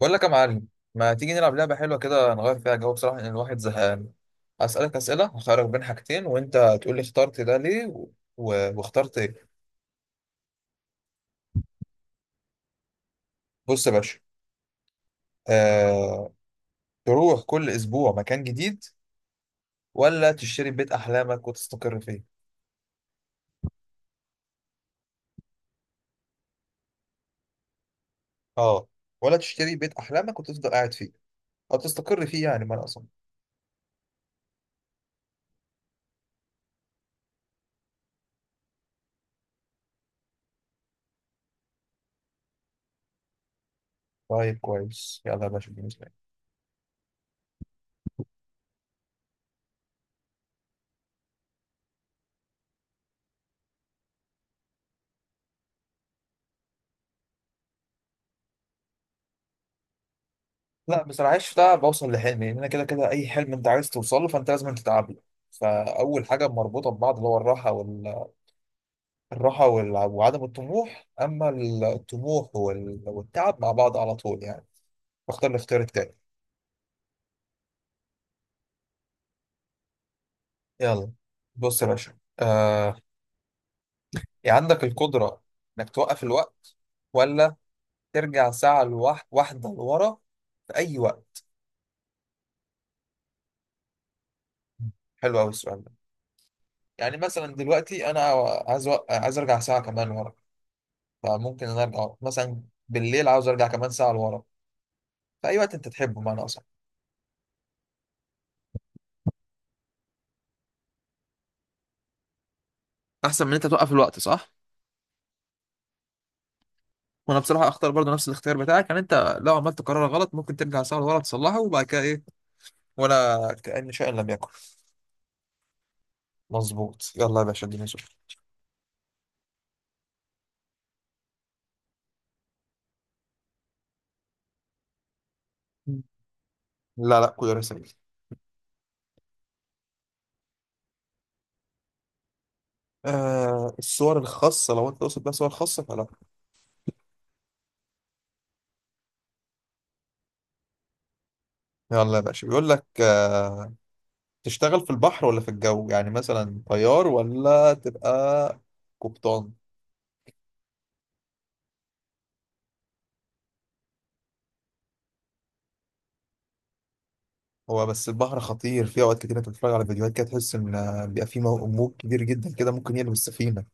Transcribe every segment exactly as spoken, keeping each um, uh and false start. بقول لك يا معلم، ما تيجي نلعب لعبة حلوة كده نغير فيها جو؟ بصراحة لأن الواحد زهقان. أسألك أسئلة هخيرك بين حاجتين وأنت تقول لي اخترت ده ليه و... و- واخترت إيه. بص يا باشا، آه... تروح كل أسبوع مكان جديد ولا تشتري بيت أحلامك وتستقر فيه؟ أه، ولا تشتري بيت أحلامك وتفضل قاعد فيه أو تستقر فيه؟ يعني ما أنا أصلا. طيب كويس يلا يا باشا، بالنسبة لي لا بصراحة، عيش ده بوصل لحلمي، لأن أنا كده كده أي حلم أنت عايز توصله فأنت لازم تتعب له. فأول حاجة مربوطة ببعض اللي هو الراحة، الراحة والع- وعدم الطموح، أما ال- الطموح وال- والتعب مع بعض على طول يعني. بختار الاختيار التاني. يلا، بص يا باشا، آه يعني عندك القدرة إنك توقف الوقت، ولا ترجع ساعة لوح- واحدة لورا في أي وقت؟ حلو أوي السؤال ده. يعني مثلا دلوقتي أنا عايز أوق- عايز أرجع ساعة كمان ورا، فممكن إن أنا أرجع مثلا بالليل، عاوز أرجع كمان ساعة لورا في أي وقت أنت تحبه بمعنى أصح. أحسن من إن أنت توقف الوقت، صح؟ وانا بصراحه اختار برضو نفس الاختيار بتاعك. يعني انت لو عملت قرار غلط ممكن ترجع ساعه لورا تصلحه، وبعد كده ايه؟ ولا كأن شيئا لم يكن. مظبوط. يلا يا باشا اديني سؤال. لا لا كل رسائل. آه الصور الخاصة، لو انت تقصد بقى صور خاصة فلا. يلا يا باشا، بيقول لك آه تشتغل في البحر ولا في الجو؟ يعني مثلا طيار ولا تبقى قبطان. هو بس البحر خطير في اوقات كتير، انت بتتفرج على فيديوهات كده تحس ان آه، بيبقى في مو- موج كبير جدا كده ممكن يقلب السفينة.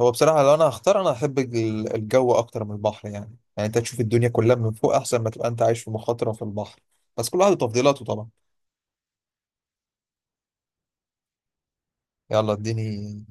هو بصراحة لو أنا هختار، أنا أحب الج- الجو أكتر من البحر يعني. يعني أنت تشوف الدنيا كلها من فوق أحسن ما تبقى أنت عايش في مخاطرة في البحر. بس كل واحد وتفضيلاته طبعا. يلا اديني.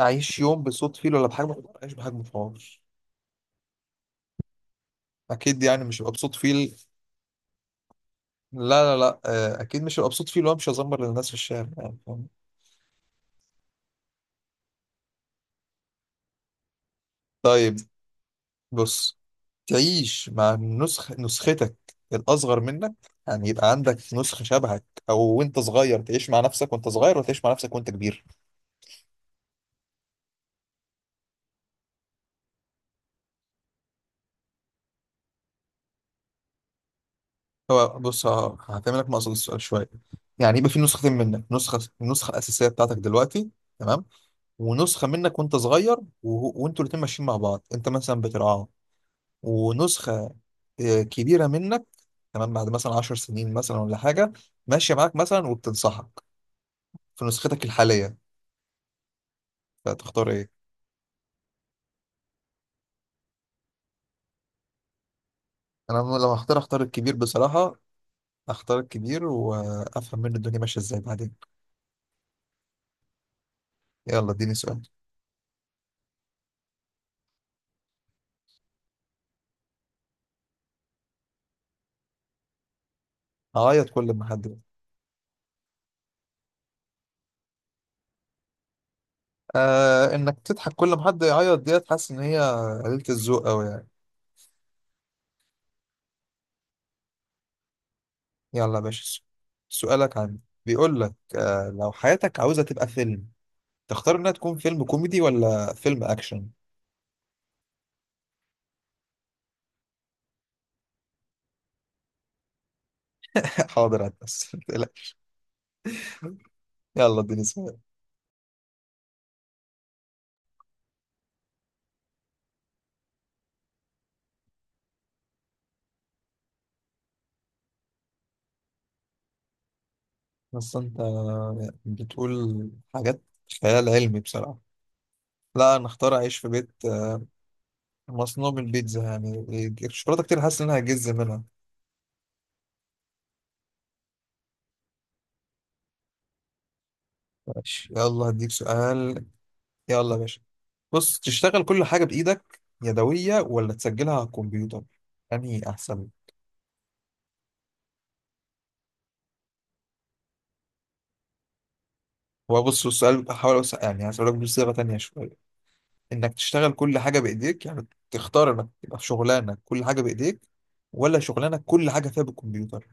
أعيش يوم بصوت فيل ولا بحجم حمار؟ أعيش بحجم حمار أكيد، يعني مش هبقى بصوت فيل. لا، لا، لا، آه، أكيد مش هبقى بصوت فيل وأنا مش هزمر للناس في الشارع يعني، فاهم؟ طيب، بص، تعيش مع نسخ نسختك الأصغر منك؟ يعني يبقى عندك نسخة شبهك أو وأنت صغير تعيش مع نفسك وأنت صغير، وتعيش مع نفسك وأنت كبير. هو بص، ه- هعتمدك مقصد السؤال شويه. يعني يبقى في نسختين منك، نسخه النسخه الاساسيه بتاعتك دلوقتي. تمام. ونسخه منك وانت صغير، وهو- وانتوا الاتنين ماشيين مع بعض، انت مثلا بترعاه. ونسخه آه، كبيره منك، تمام، بعد مثلا عشر سنين مثلا ولا حاجه، ماشيه معاك مثلا وبتنصحك في نسختك الحاليه. فتختار ايه؟ انا لو هختار اختار الكبير بصراحه، اختار الكبير وافهم منه الدنيا ماشيه ازاي بعدين. يلا اديني سؤال. هعيط كل ما حد. آه انك تضحك كل ما حد يعيط، ديت حاسس ان هي قليلة الذوق قوي يعني. يلا يا باشا، س- سؤالك عندي. بيقول لك آه، لو حياتك عاوزة تبقى فيلم تختار انها تكون فيلم كوميدي ولا فيلم اكشن؟ حاضر هتبس. يلا اديني سؤال. بس انت بتقول حاجات خيال علمي بصراحة. لا انا اختار اعيش في بيت آه، مصنوع من البيتزا يعني. الشوكولاتة كتير، حاسس انها هجز منها. ماشي يلا هديك سؤال. يلا يا باشا، بص، تشتغل كل حاجة بإيدك يدوية ولا تسجلها على الكمبيوتر؟ أنهي أحسن؟ هو بص السؤال هحاول أوسع، يعني هسألك بصيغة تانية شوية، إنك تشتغل كل حاجة بإيديك يعني تختار إنك تبقى في شغلانك كل حاجة بإيديك، ولا شغلانك كل حاجة فيها بالكمبيوتر.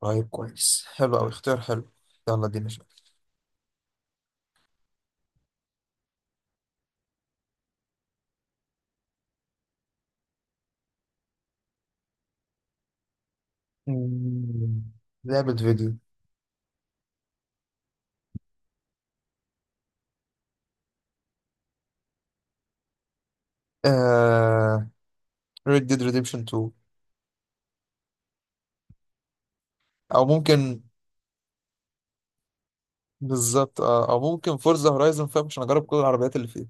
طيب كويس، حلو أوي اختيار حلو. يلا اديني شوية. مم، لعبة فيديو. آه... Red Dead Redemption تو. أو ممكن. بالظبط، آه... أو ممكن فورزا هورايزون فايف عشان أجرب كل العربيات اللي فيه.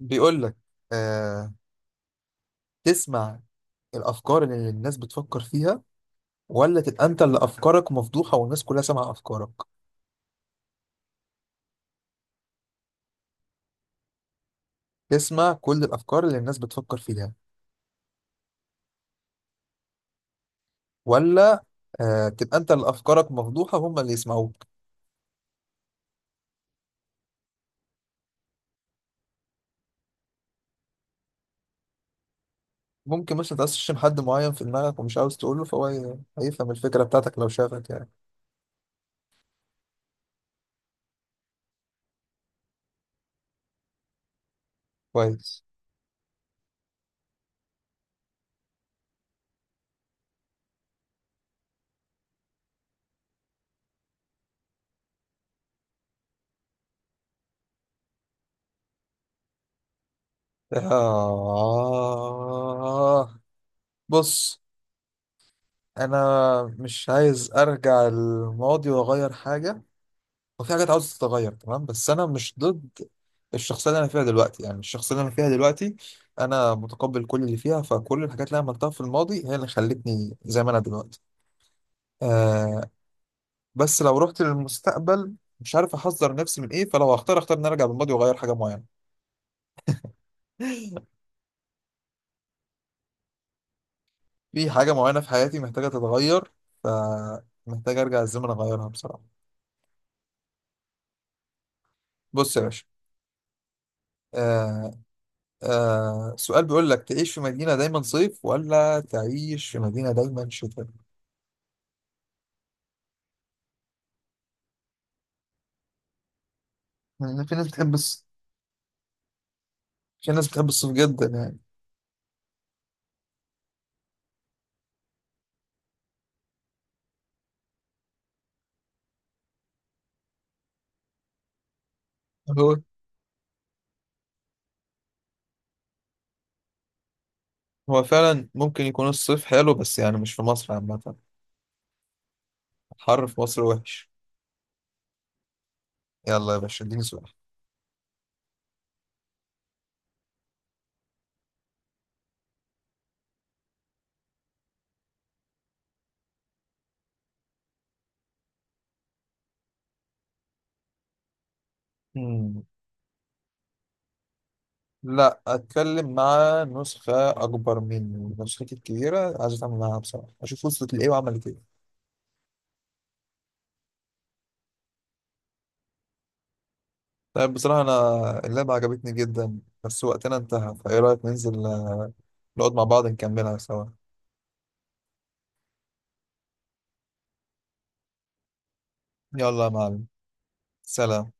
بيقول لك، تسمع الافكار اللي الناس بتفكر فيها ولا تبقى انت اللي افكارك مفضوحه والناس كلها سامعه افكارك؟ تسمع كل الافكار اللي الناس بتفكر فيها، ولا آه تبقى انت اللي افكارك مفضوحه هم اللي يسمعوك. ممكن مثلا تقسم حد معين في دماغك ومش عاوز تقوله، فهو هي- هيفهم الفكره بتاعتك لو شافك يعني. كويس. آه بص، انا مش عايز ارجع الماضي واغير حاجه. وفي حاجات عاوزة تتغير تمام، بس أنا مش ضد الشخصية اللي أنا فيها دلوقتي. يعني الشخصية اللي أنا فيها دلوقتي أنا متقبل كل اللي فيها، فكل الحاجات اللي أنا عملتها في الماضي هي اللي خلتني زي ما أنا دلوقتي. آه، بس لو رحت للمستقبل مش عارف أحذر نفسي من إيه. فلو هختار، أختار إن أنا أرجع بالماضي وأغير حاجة معينة. في حاجة معينة في حياتي محتاجة تتغير، فمحتاج أرجع الزمن أغيرها بصراحة. بص يا باشا، آه آه سؤال بيقول لك، تعيش في مدينة دايما صيف ولا تعيش في مدينة دايما شتاء؟ يعني في ناس بتحب الص... في ناس بتحب الصيف جدا يعني. هو هو فعلا ممكن يكون الصيف حلو، بس يعني مش في مصر عامة، الحر في مصر وحش. يلا يا باشا اديني سؤال. مم. لا اتكلم مع نسخة اكبر مني، نسختي الكبيرة عايز اتعامل معاها بصراحة، اشوف وصلت لايه وعملت ايه. طيب بصراحة انا اللعبة عجبتني جدا بس وقتنا انتهى، فايه رأيك ننزل آه، نقعد مع بعض نكملها سوا؟ يلا يا معلم، سلام.